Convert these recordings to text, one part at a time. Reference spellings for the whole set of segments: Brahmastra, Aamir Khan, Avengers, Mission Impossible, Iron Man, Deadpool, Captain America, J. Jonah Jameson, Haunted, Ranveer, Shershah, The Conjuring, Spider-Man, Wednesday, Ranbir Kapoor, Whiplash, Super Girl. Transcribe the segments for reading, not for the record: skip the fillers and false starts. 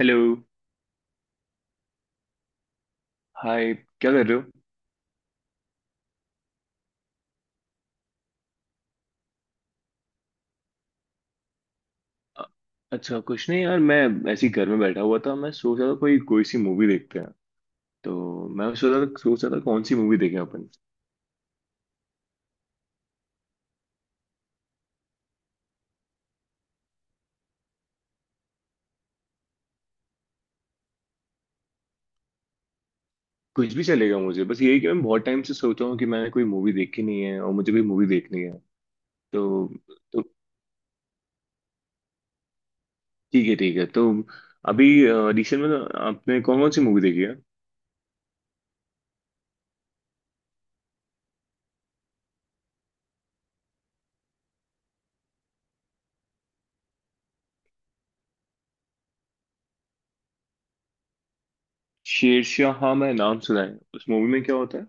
Hello. Hi. क्या कर रहे हो? अ- अच्छा, कुछ नहीं यार। मैं ऐसे ही घर में बैठा हुआ था, मैं सोच रहा था कोई कोई सी मूवी देखते हैं। तो मैं सोच रहा था कौन सी मूवी देखें अपन। कुछ भी चलेगा, मुझे बस यही कि मैं बहुत टाइम से सोच रहा हूँ कि मैंने कोई मूवी देखी नहीं है और मुझे भी मूवी देखनी है। तो तो ठीक है, ठीक है। तो अभी रिसेंट में तो आपने कौन कौन सी मूवी देखी है? शेरशाह, हाँ मैं नाम सुना है। उस मूवी में क्या होता है?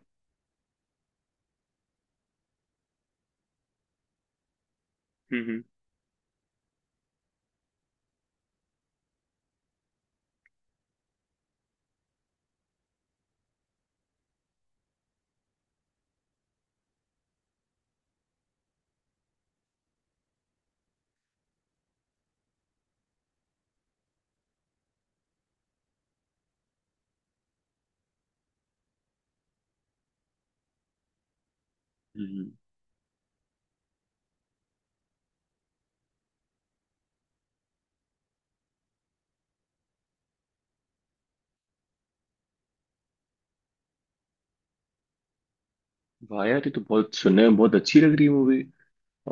हम्म। हम्म। हम्म। वाह यार, ये तो बहुत सुनने में बहुत अच्छी लग रही है मूवी।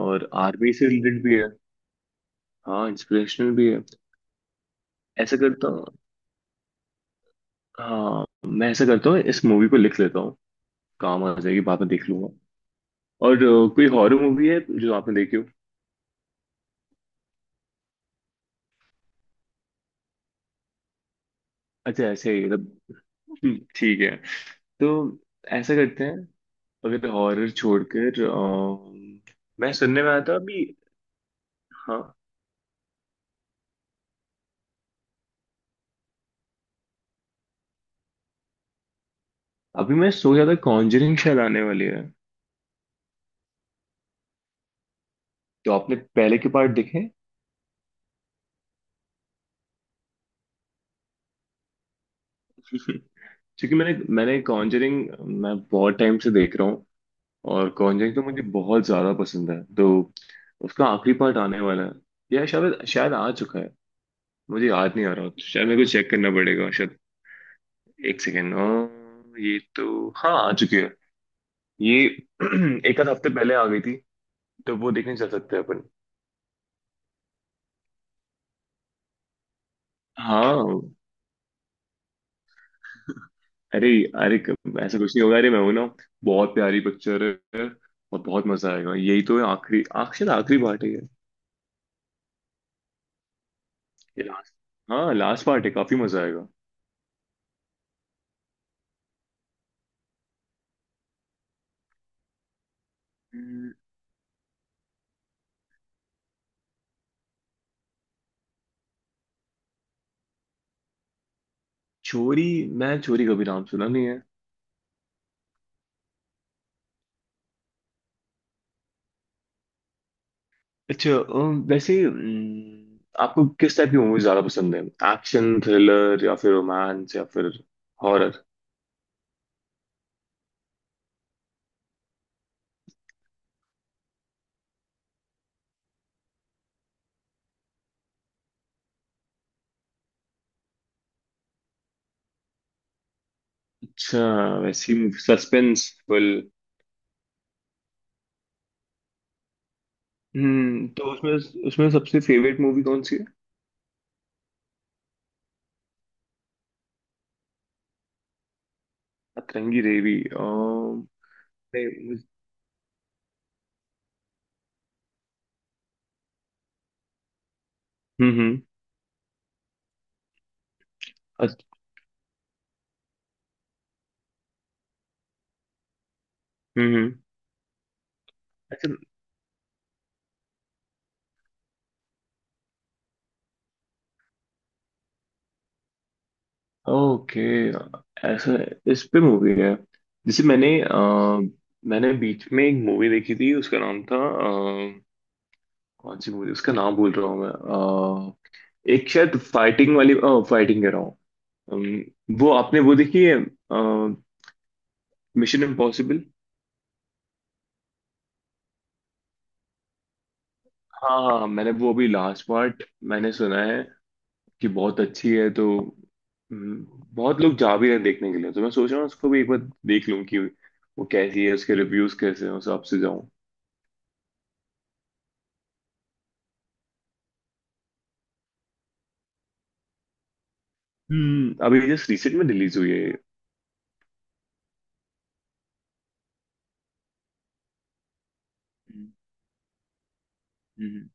और आर्मी से रिलेटेड भी है। हाँ इंस्पिरेशनल भी है। ऐसा करता हूँ, हाँ, मैं ऐसा करता हूँ, इस मूवी को लिख लेता हूँ, काम आ जाएगी, बाद में देख लूंगा। और कोई हॉरर मूवी है जो आपने देखी हो? अच्छा, ऐसे ही मतलब। ठीक है। तो ऐसा करते हैं, अगर हॉरर छोड़कर मैं सुनने में आया था अभी। हाँ। अभी मैं सोच रहा था कॉन्जरिंग शायद आने वाली है, तो आपने पहले के पार्ट देखे? क्योंकि मैंने मैंने कॉन्जरिंग मैं बहुत टाइम से देख रहा हूँ। और कॉन्जरिंग तो मुझे बहुत ज्यादा पसंद है, तो उसका आखिरी पार्ट आने वाला है या शायद शायद आ चुका है। मुझे याद नहीं आ रहा, तो शायद मेरे को चेक करना पड़ेगा शायद। एक सेकेंड। ये तो, हाँ, आ चुकी है ये। एक आध हफ्ते पहले आ गई थी, तो वो देखने चल सकते हैं अपन। हाँ। अरे। अरे ऐसा कुछ नहीं होगा, अरे मैं हूं ना। बहुत प्यारी पिक्चर है, और बहुत मजा आएगा, यही तो है, आखिरी पार्ट है ये। लास्ट। हाँ, लास्ट पार्ट है, काफी मजा आएगा। चोरी, मैं चोरी कभी नाम सुना नहीं है। अच्छा। वैसे आपको किस टाइप की मूवीज ज्यादा पसंद है? एक्शन थ्रिलर, या फिर रोमांस, या फिर हॉरर? अच्छा, वैसी सस्पेंसफुल। तो उसमें उसमें सबसे फेवरेट मूवी कौन सी है? अतरंगी रेवी, नहीं, हम्म। हम्म। अच- हम्म, अच्छा। ओके, ऐसा। इस पे मूवी है। जैसे मैंने मैंने बीच में एक मूवी देखी थी, उसका नाम था, कौन सी मूवी, उसका नाम भूल रहा हूँ मैं। एक शायद फाइटिंग वाली, फाइटिंग कह रहा हूँ। वो आपने वो देखी है, मिशन इम्पॉसिबल? हाँ हाँ, मैंने वो अभी लास्ट पार्ट, मैंने सुना है कि बहुत अच्छी है। तो, हम्म, बहुत लोग जा भी रहे हैं देखने के लिए, तो मैं सोच रहा हूँ उसको भी एक बार देख लूँ कि वो कैसी है, उसके रिव्यूज कैसे हैं, उस हिसाब से जाऊँ। अभी जस्ट रिसेंट में रिलीज हुई है ये। हम्म। हम्म।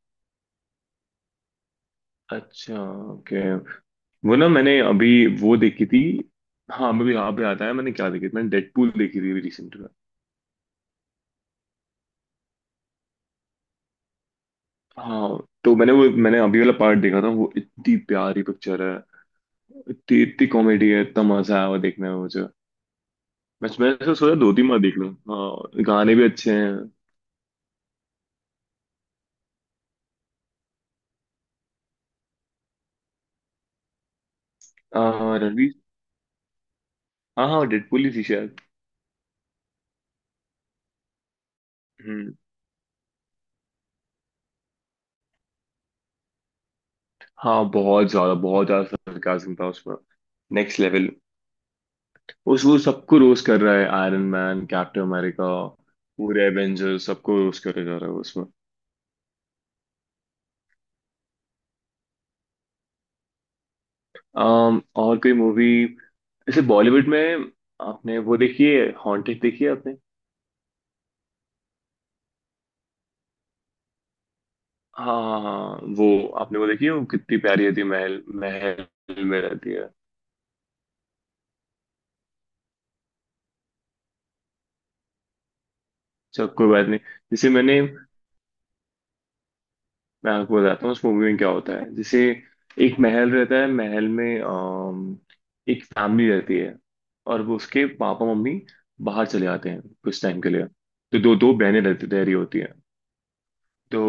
अच्छा। ओके, वो ना मैंने अभी वो देखी थी। हाँ, मैं भी यहाँ पे आता है मैंने क्या देखी थी? मैंने डेडपूल देखी थी अभी रिसेंट में। हाँ, तो मैंने वो, मैंने अभी वाला पार्ट देखा था, वो इतनी प्यारी पिक्चर है, इतनी इतनी कॉमेडी है, इतना मजा आया वो देखने में मुझे। मैंने तो सोचा दो तीन बार देख लूँ, हाँ गाने भी अच्छे हैं। हाँ रणवीर, हाँ हाँ डेडपूल ही थी शायद। हम्म। हाँ, बहुत ज्यादा सरकास्म था उसमें। Next level. उस वो सबको रोस्ट कर रहा है, आयरन मैन, कैप्टन अमेरिका, पूरे एवेंजर्स, सबको रोस्ट करे जा रहा है उसमें। और कोई मूवी, जैसे बॉलीवुड में, आपने वो देखी है, हॉन्टेड, देखी है आपने? हाँ हाँ हाँ, वो आपने वो देखी है, वो कितनी प्यारी होती है, महल, महल में रहती है। चलो कोई बात नहीं। जैसे मैंने मैं आपको बताता हूँ उस मूवी में क्या होता है। जैसे एक महल रहता है, महल में एक फैमिली रहती है। और वो उसके पापा मम्मी बाहर चले जाते हैं कुछ टाइम के लिए। तो दो दो बहनें रहती रह रही होती हैं। तो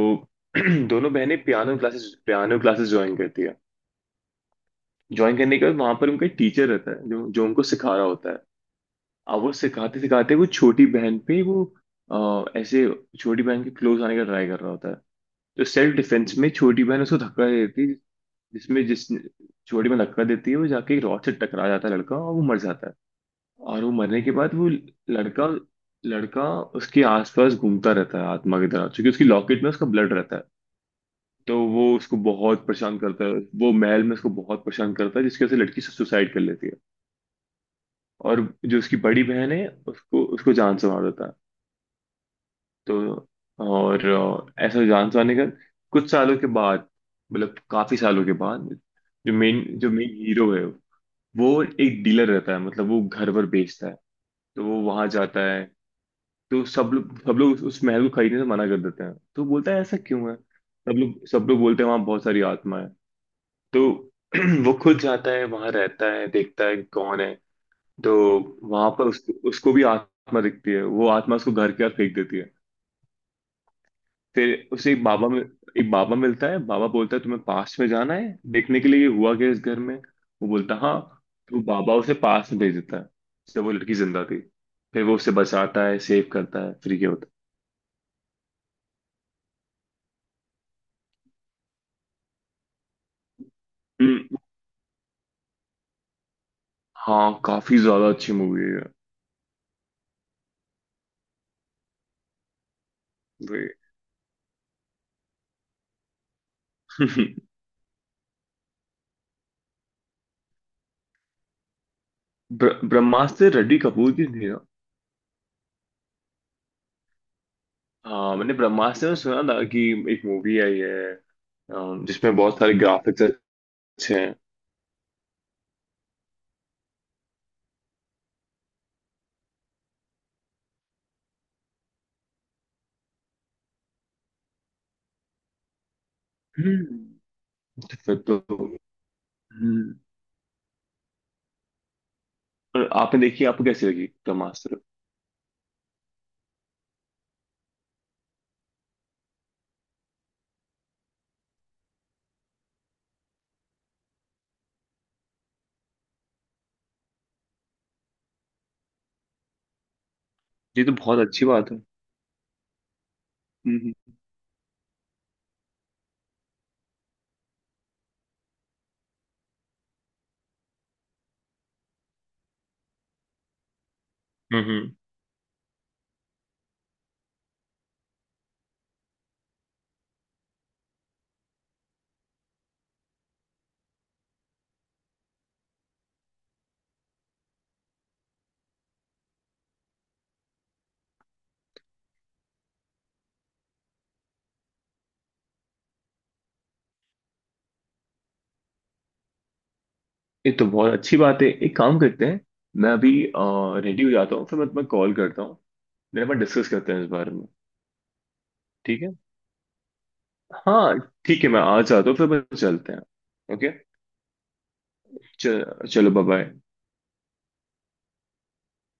दोनों बहनें पियानो क्लासेस ज्वाइन करती है। ज्वाइन करने के बाद वहां पर उनका टीचर रहता है, जो जो उनको सिखा रहा होता है। अब वो सिखाते सिखाते वो छोटी बहन पे, वो ऐसे छोटी बहन के क्लोज आने का ट्राई कर रहा होता है। तो सेल्फ डिफेंस में छोटी बहन उसको धक्का दे देती है, जिसमें जिस चोटी में धक्का देती है, वो जाके एक रॉड से टकरा जाता है लड़का, और वो मर जाता है। और वो मरने के बाद वो लड़का, लड़का उसके आसपास घूमता रहता है आत्मा की तरह, क्योंकि उसकी लॉकेट में उसका ब्लड रहता है, तो वो उसको बहुत परेशान करता है। वो महल में उसको बहुत परेशान करता है, जिसकी वजह से लड़की सुसाइड कर लेती है। और जो उसकी बड़ी बहन है उसको उसको जान से मार देता है। तो और ऐसा जान से मारने का, कुछ सालों के बाद, मतलब काफी सालों के बाद, जो मेन, हीरो है, वो एक डीलर रहता है, मतलब वो घर पर बेचता है। तो वो वहां जाता है। तो सब लोग उस महल को खरीदने से मना कर देते हैं, तो बोलता है ऐसा क्यों है। सब लोग बोलते हैं वहां बहुत सारी आत्मा है। तो वो खुद जाता है वहां, रहता है, देखता है कौन है। तो वहां पर उसको उसको भी आत्मा दिखती है, वो आत्मा उसको घर के बाहर फेंक देती है। फिर उसे एक बाबा मिलता है। बाबा बोलता है तुम्हें पास में जाना है देखने के लिए ये हुआ क्या इस घर में। वो बोलता है, हाँ। तो बाबा उसे पास में भेज देता है, जब वो लड़की जिंदा थी। फिर वो उसे बचाता है, सेव करता है, फिर क्या होता है। हाँ काफी ज्यादा अच्छी मूवी है ये। वे। ब्रह्मास्त्र रेडी कपूर की थी ना? हाँ मैंने ब्रह्मास्त्र में सुना था कि एक मूवी आई है, जिसमें बहुत सारे ग्राफिक्स अच्छे हैं। हम्म, फिर तो। हम्म। और आपने देखी, आपको कैसी लगी ब्रह्मास्त्र? ये तो बहुत अच्छी बात है। हम्म। हम्म। ये तो बहुत अच्छी बात है, एक काम करते हैं। मैं अभी रेडी हो जाता हूँ, फिर मैं तुम्हें कॉल करता हूँ। मेरे पास डिस्कस करते हैं इस बारे में। ठीक है। हाँ ठीक है, मैं आ जाता हूँ फिर अपन चलते हैं। ओके। चल, चलो बाय बाय।